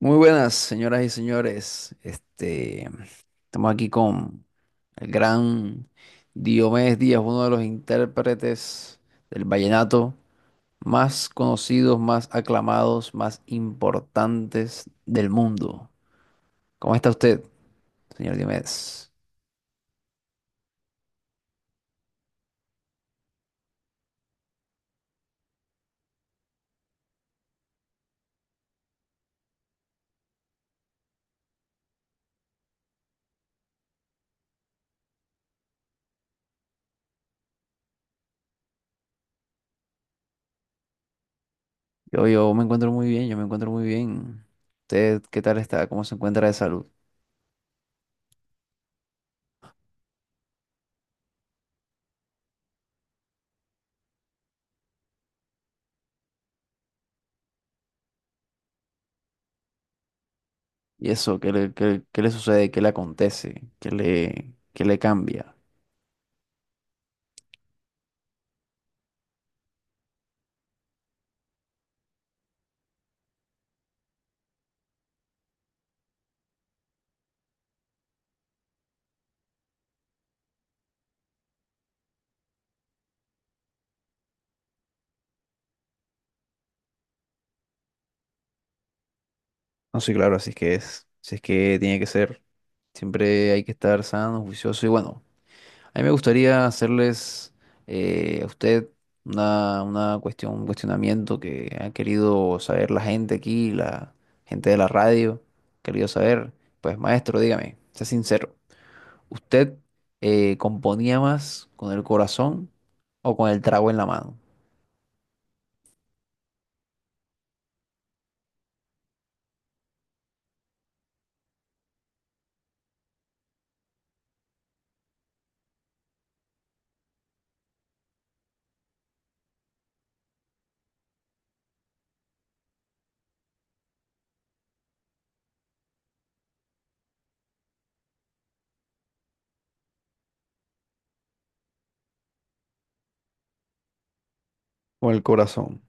Muy buenas, señoras y señores. Estamos aquí con el gran Diomedes Díaz, uno de los intérpretes del vallenato más conocidos, más aclamados, más importantes del mundo. ¿Cómo está usted, señor Diomedes? Yo me encuentro muy bien, yo me encuentro muy bien. ¿Usted qué tal está? ¿Cómo se encuentra de salud? ¿Y eso? ¿Qué le sucede? ¿Qué le acontece? ¿Qué le cambia? No, sí, claro, así es que tiene que ser. Siempre hay que estar sano, juicioso. Y bueno, a mí me gustaría hacerles a usted una cuestión, un cuestionamiento que ha querido saber la gente aquí, la gente de la radio, querido saber. Pues maestro, dígame, sea sincero, ¿usted componía más con el corazón o con el trago en la mano? Con el corazón.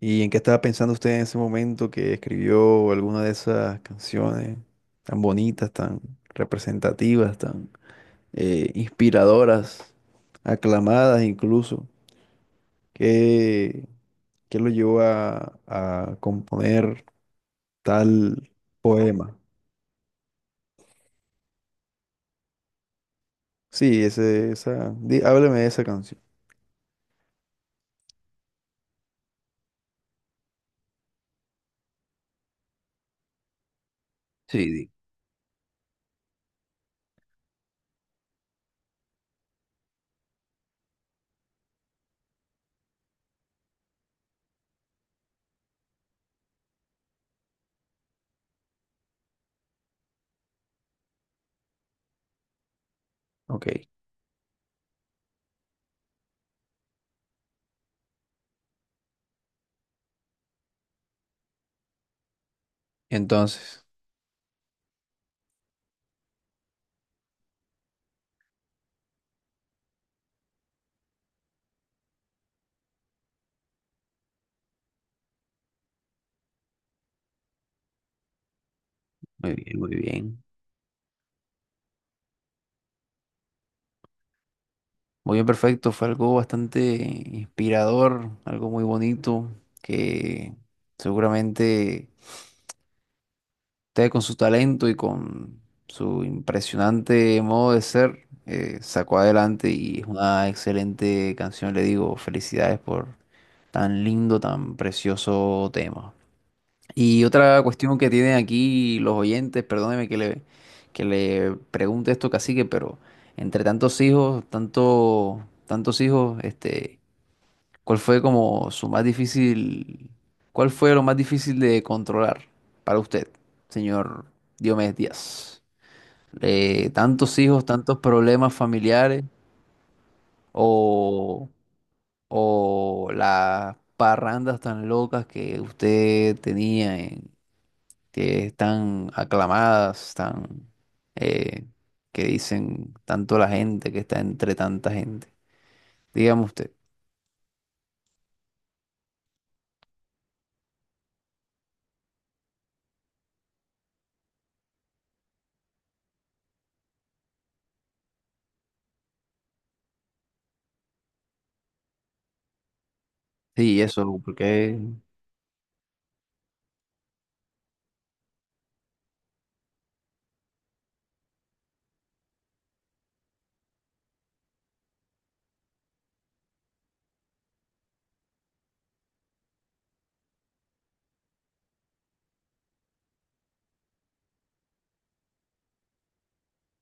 ¿Y en qué estaba pensando usted en ese momento que escribió alguna de esas canciones tan bonitas, tan representativas, tan inspiradoras, aclamadas incluso? ¿Qué, qué lo llevó a componer tal poema? Sí, esa, hábleme de esa canción. Sí, di- ok. Entonces, muy bien, muy bien. Muy bien, perfecto. Fue algo bastante inspirador, algo muy bonito, que seguramente usted con su talento y con su impresionante modo de ser, sacó adelante y es una excelente canción. Le digo, felicidades por tan lindo, tan precioso tema. Y otra cuestión que tienen aquí los oyentes, perdóneme que le pregunte esto, cacique, pero entre tantos hijos, tantos hijos, este, ¿cuál fue como su más difícil, cuál fue lo más difícil de controlar para usted, señor Diomedes Díaz? ¿Tantos hijos, tantos problemas familiares o, o las parrandas tan locas que usted tenía, que están aclamadas, eh, que dicen tanto la gente, que está entre tanta gente? Dígame usted. Sí, eso, porque...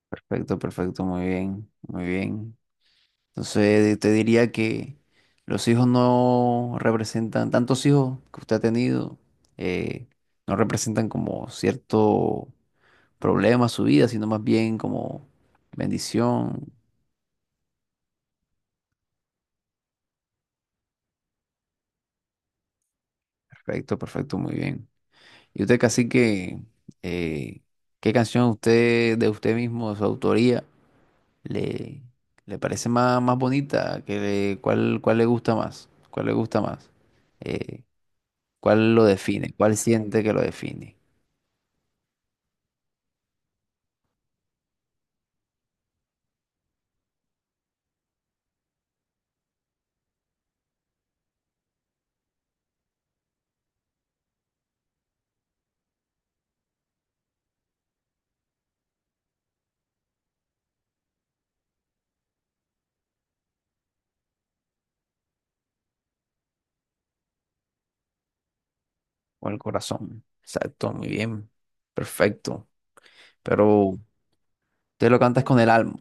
Perfecto, perfecto, muy bien, muy bien. Entonces te diría que los hijos no representan, tantos hijos que usted ha tenido, eh, no representan como cierto problema a su vida, sino más bien como bendición. Perfecto, perfecto, muy bien. Y usted casi que, eh, ¿qué canción usted de usted mismo, de su autoría, le, le parece más, más bonita? Cuál le gusta más? ¿Cuál le gusta más? Eh, ¿Cuál lo define? ¿Cuál siente que lo define? Con el corazón. Exacto, muy bien. Perfecto. Pero te lo cantas con el alma.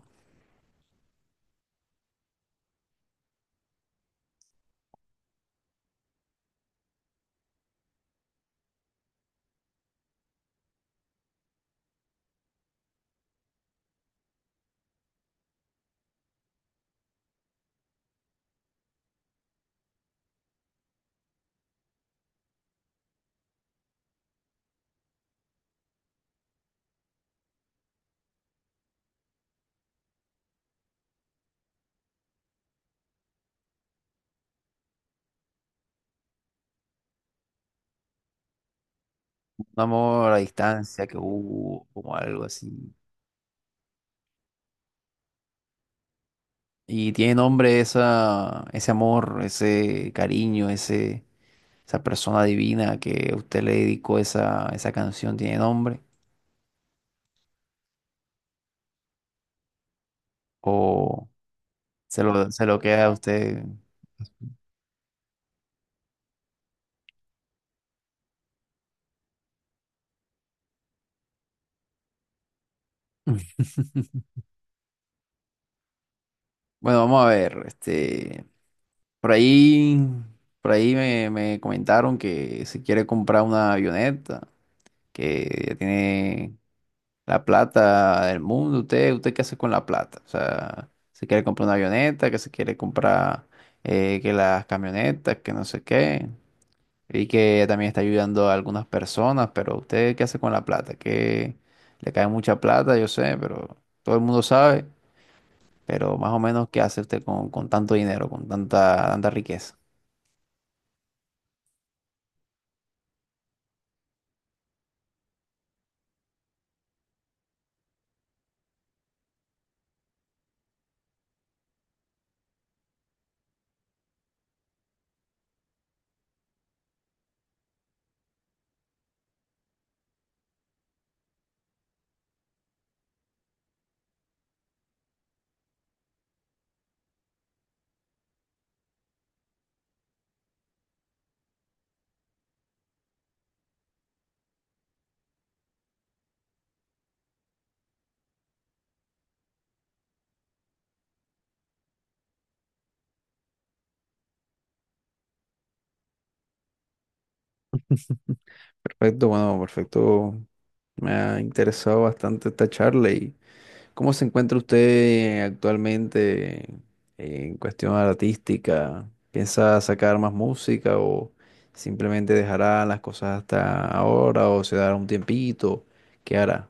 Un amor a distancia que hubo, como algo así. Y tiene nombre esa, ese amor, ese cariño, ese, esa persona divina que usted le dedicó esa, esa canción, ¿tiene nombre? ¿O se lo queda a usted? Bueno, vamos a ver, este. Por ahí, por ahí me comentaron que se quiere comprar una avioneta, que ya tiene la plata del mundo. Usted qué hace con la plata? O sea, se quiere comprar una avioneta, que se quiere comprar que las camionetas, que no sé qué. Y que también está ayudando a algunas personas, pero ¿usted qué hace con la plata? Que le cae mucha plata, yo sé, pero todo el mundo sabe. Pero más o menos, ¿qué hace usted con tanto dinero, con tanta riqueza? Perfecto, bueno, perfecto. Me ha interesado bastante esta charla y ¿cómo se encuentra usted actualmente en cuestión artística? ¿Piensa sacar más música o simplemente dejará las cosas hasta ahora o se dará un tiempito? ¿Qué hará?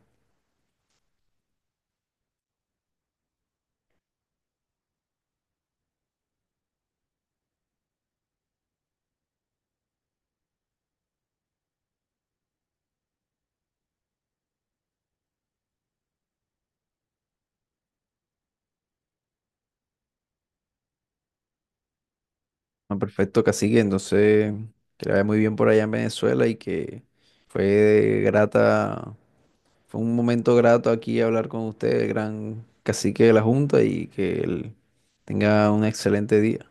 Bueno, perfecto, cacique. Entonces, que le vaya muy bien por allá en Venezuela y que fue grata fue un momento grato aquí hablar con usted, el gran cacique de la Junta, y que él tenga un excelente día.